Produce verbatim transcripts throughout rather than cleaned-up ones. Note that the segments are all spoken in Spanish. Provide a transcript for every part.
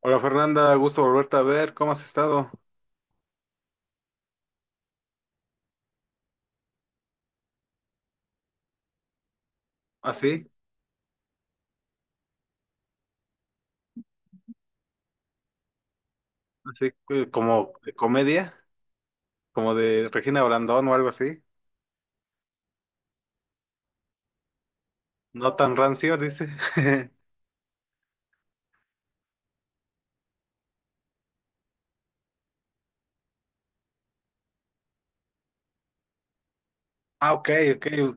Hola Fernanda, gusto volverte a ver. ¿Cómo has estado? ¿Así? ¿Así que como de comedia? ¿Como de Regina Brandón o algo así? No tan rancio, dice. Ah, ok, ok, sí,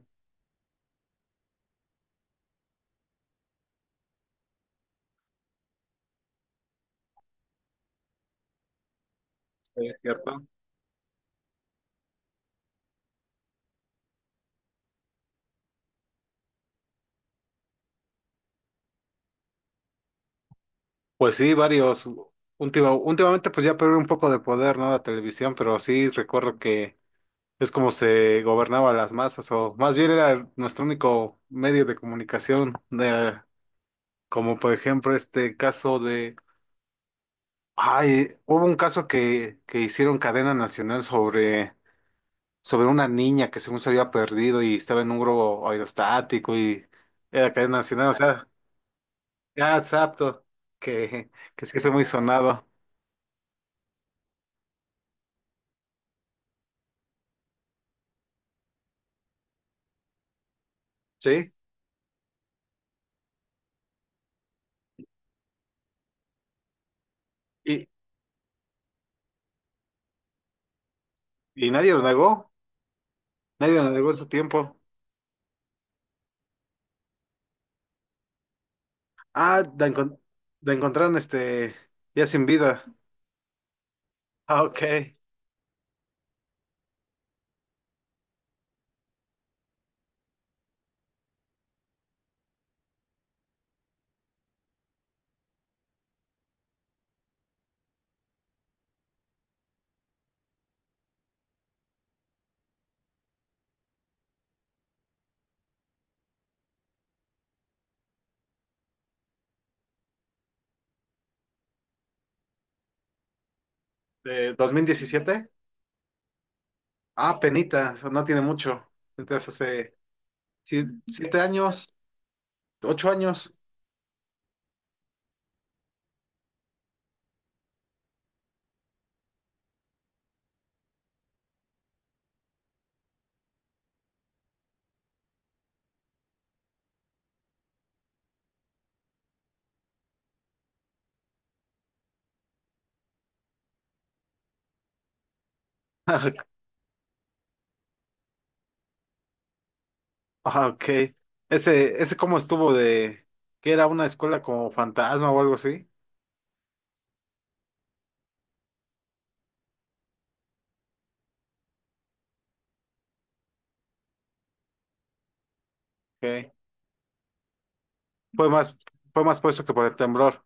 es cierto. Pues sí, varios. Última- últimamente pues ya perdió un poco de poder, ¿no? La televisión, pero sí recuerdo que es como se gobernaba las masas, o más bien era nuestro único medio de comunicación, de, como por ejemplo este caso de... Ay, hubo un caso que, que hicieron cadena nacional sobre, sobre una niña que según se había perdido y estaba en un globo aerostático y era cadena nacional, o sea, ya exacto, que, que sí fue muy sonado. Sí, y, y nadie lo negó, nadie lo negó en su tiempo. Ah, la, encon- la encontraron este ya sin vida. Ah, ok. ¿De dos mil diecisiete? Ah, penita, o sea, no tiene mucho. Entonces hace si- siete años, ocho años. Ah, ok. Ese, ese cómo estuvo de que era una escuela como fantasma o algo así. Ok. Fue más, fue más por eso que por el temblor.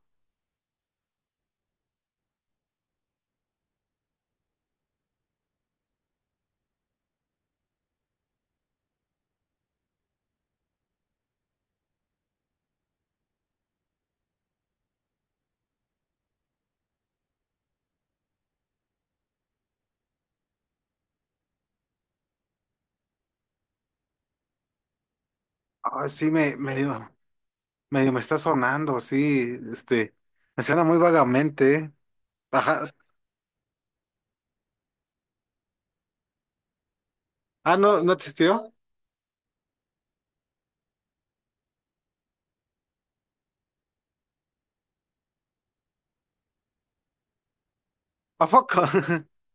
Ah, sí, me, medio, medio me está sonando, sí, este, me suena muy vagamente. ¿Eh? Ajá. Ah, no, no existió. ¿A poco?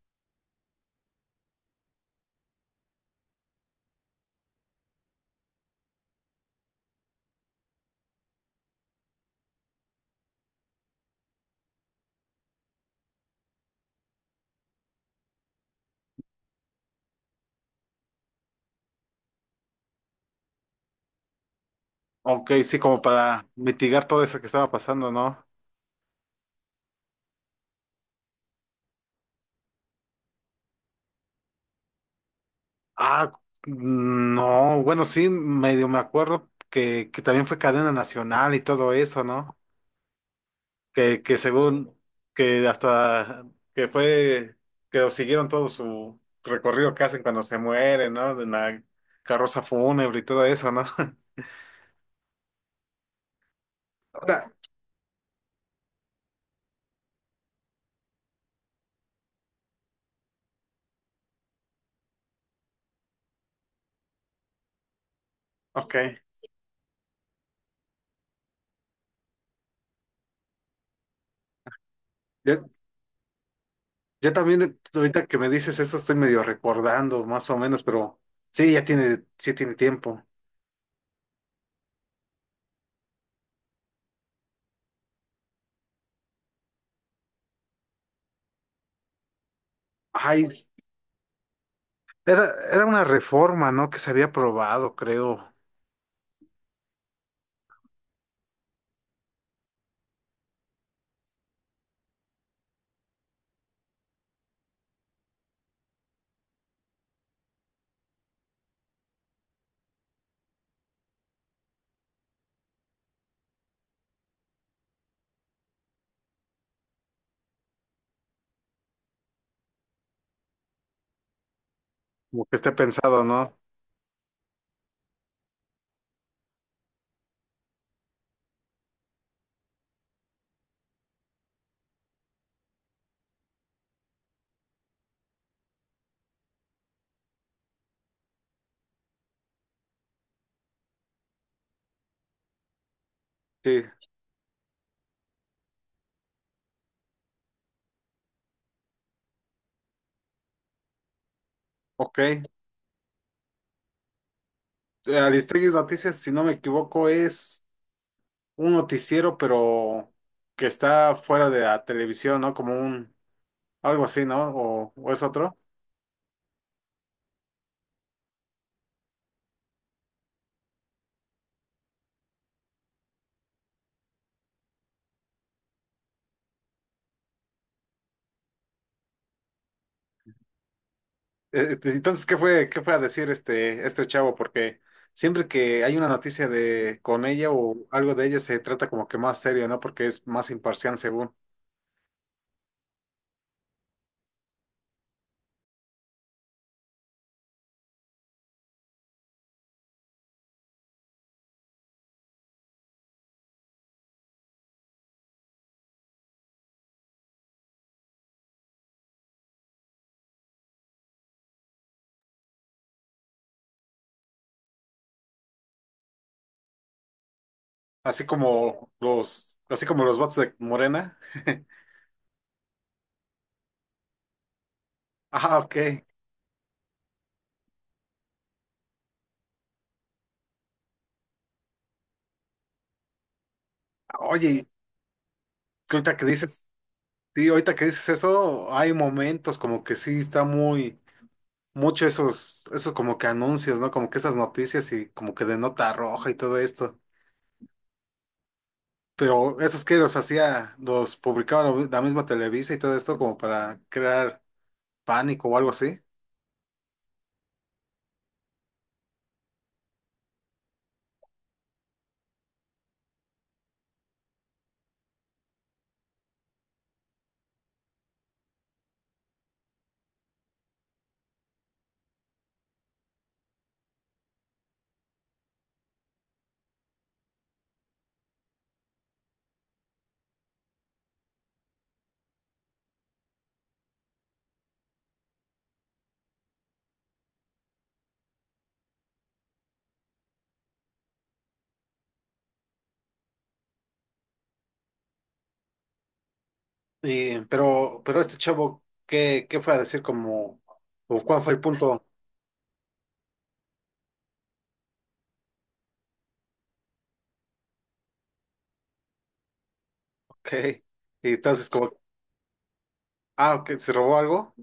Ok, sí, como para mitigar todo eso que estaba pasando, ¿no? Ah, mm, no, bueno, sí, medio me acuerdo que, que también fue cadena nacional y todo eso, ¿no? que, que según, que hasta, que fue, que lo siguieron todo su recorrido que hacen cuando se mueren, ¿no? De la carroza fúnebre y todo eso, ¿no? Ahora, ok. Yo, yo también, ahorita que me dices eso, estoy medio recordando, más o menos, pero sí, ya tiene, sí tiene tiempo. Ay, era, era una reforma, ¿no? Que se había aprobado, creo. Como que esté pensado, ¿no? Sí, ok. Eh, Aristegui Noticias, si no me equivoco, es un noticiero, pero que está fuera de la televisión, ¿no? Como un, algo así, ¿no? O, o es otro. Eh, eh, Entonces, ¿qué fue, qué fue a decir este, este chavo? Porque siempre que hay una noticia de con ella o algo de ella se trata como que más serio, ¿no? Porque es más imparcial, según. Así como los, así como los bots de Morena. Ah, ok. Oye, que ahorita que dices, sí, ahorita que dices eso, hay momentos como que sí está muy mucho esos, esos como que anuncios, ¿no? Como que esas noticias y como que de nota roja y todo esto. Pero esos que los hacía, los publicaba la la misma Televisa y todo esto como para crear pánico o algo así. Y, pero, pero este chavo, ¿qué, qué fue a decir como, o cuál fue el punto? Ok. Y entonces como, ah, ok, ¿se robó algo?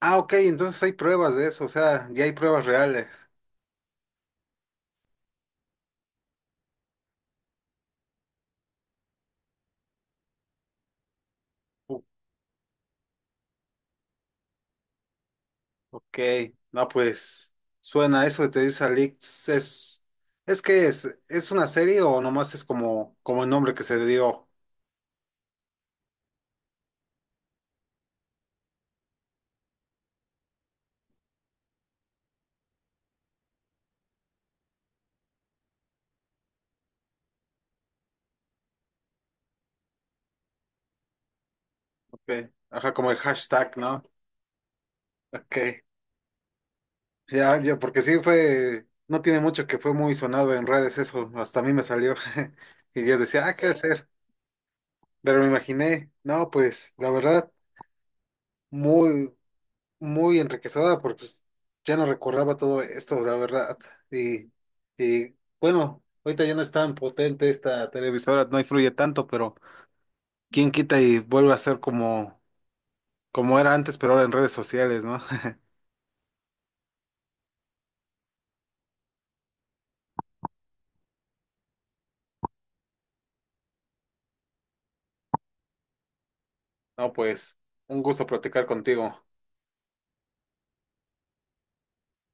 Ah, ok, entonces hay pruebas de eso, o sea, ya hay pruebas reales. Ok, no, pues suena eso de Te dice Alix, es, es que es, es una serie o nomás es como, como el nombre que se dio, ok, ajá, como el hashtag, ¿no? Ok, ya, ya, porque sí fue, no tiene mucho que fue muy sonado en redes eso, hasta a mí me salió, y yo decía, ah, ¿qué sí hacer? Pero me imaginé, no, pues, la verdad, muy, muy enriquecedora porque pues, ya no recordaba todo esto, la verdad. Y, y bueno, ahorita ya no es tan potente esta televisora, no influye tanto, pero quién quita y vuelve a ser como, como era antes, pero ahora en redes sociales, ¿no? No, pues, un gusto platicar contigo.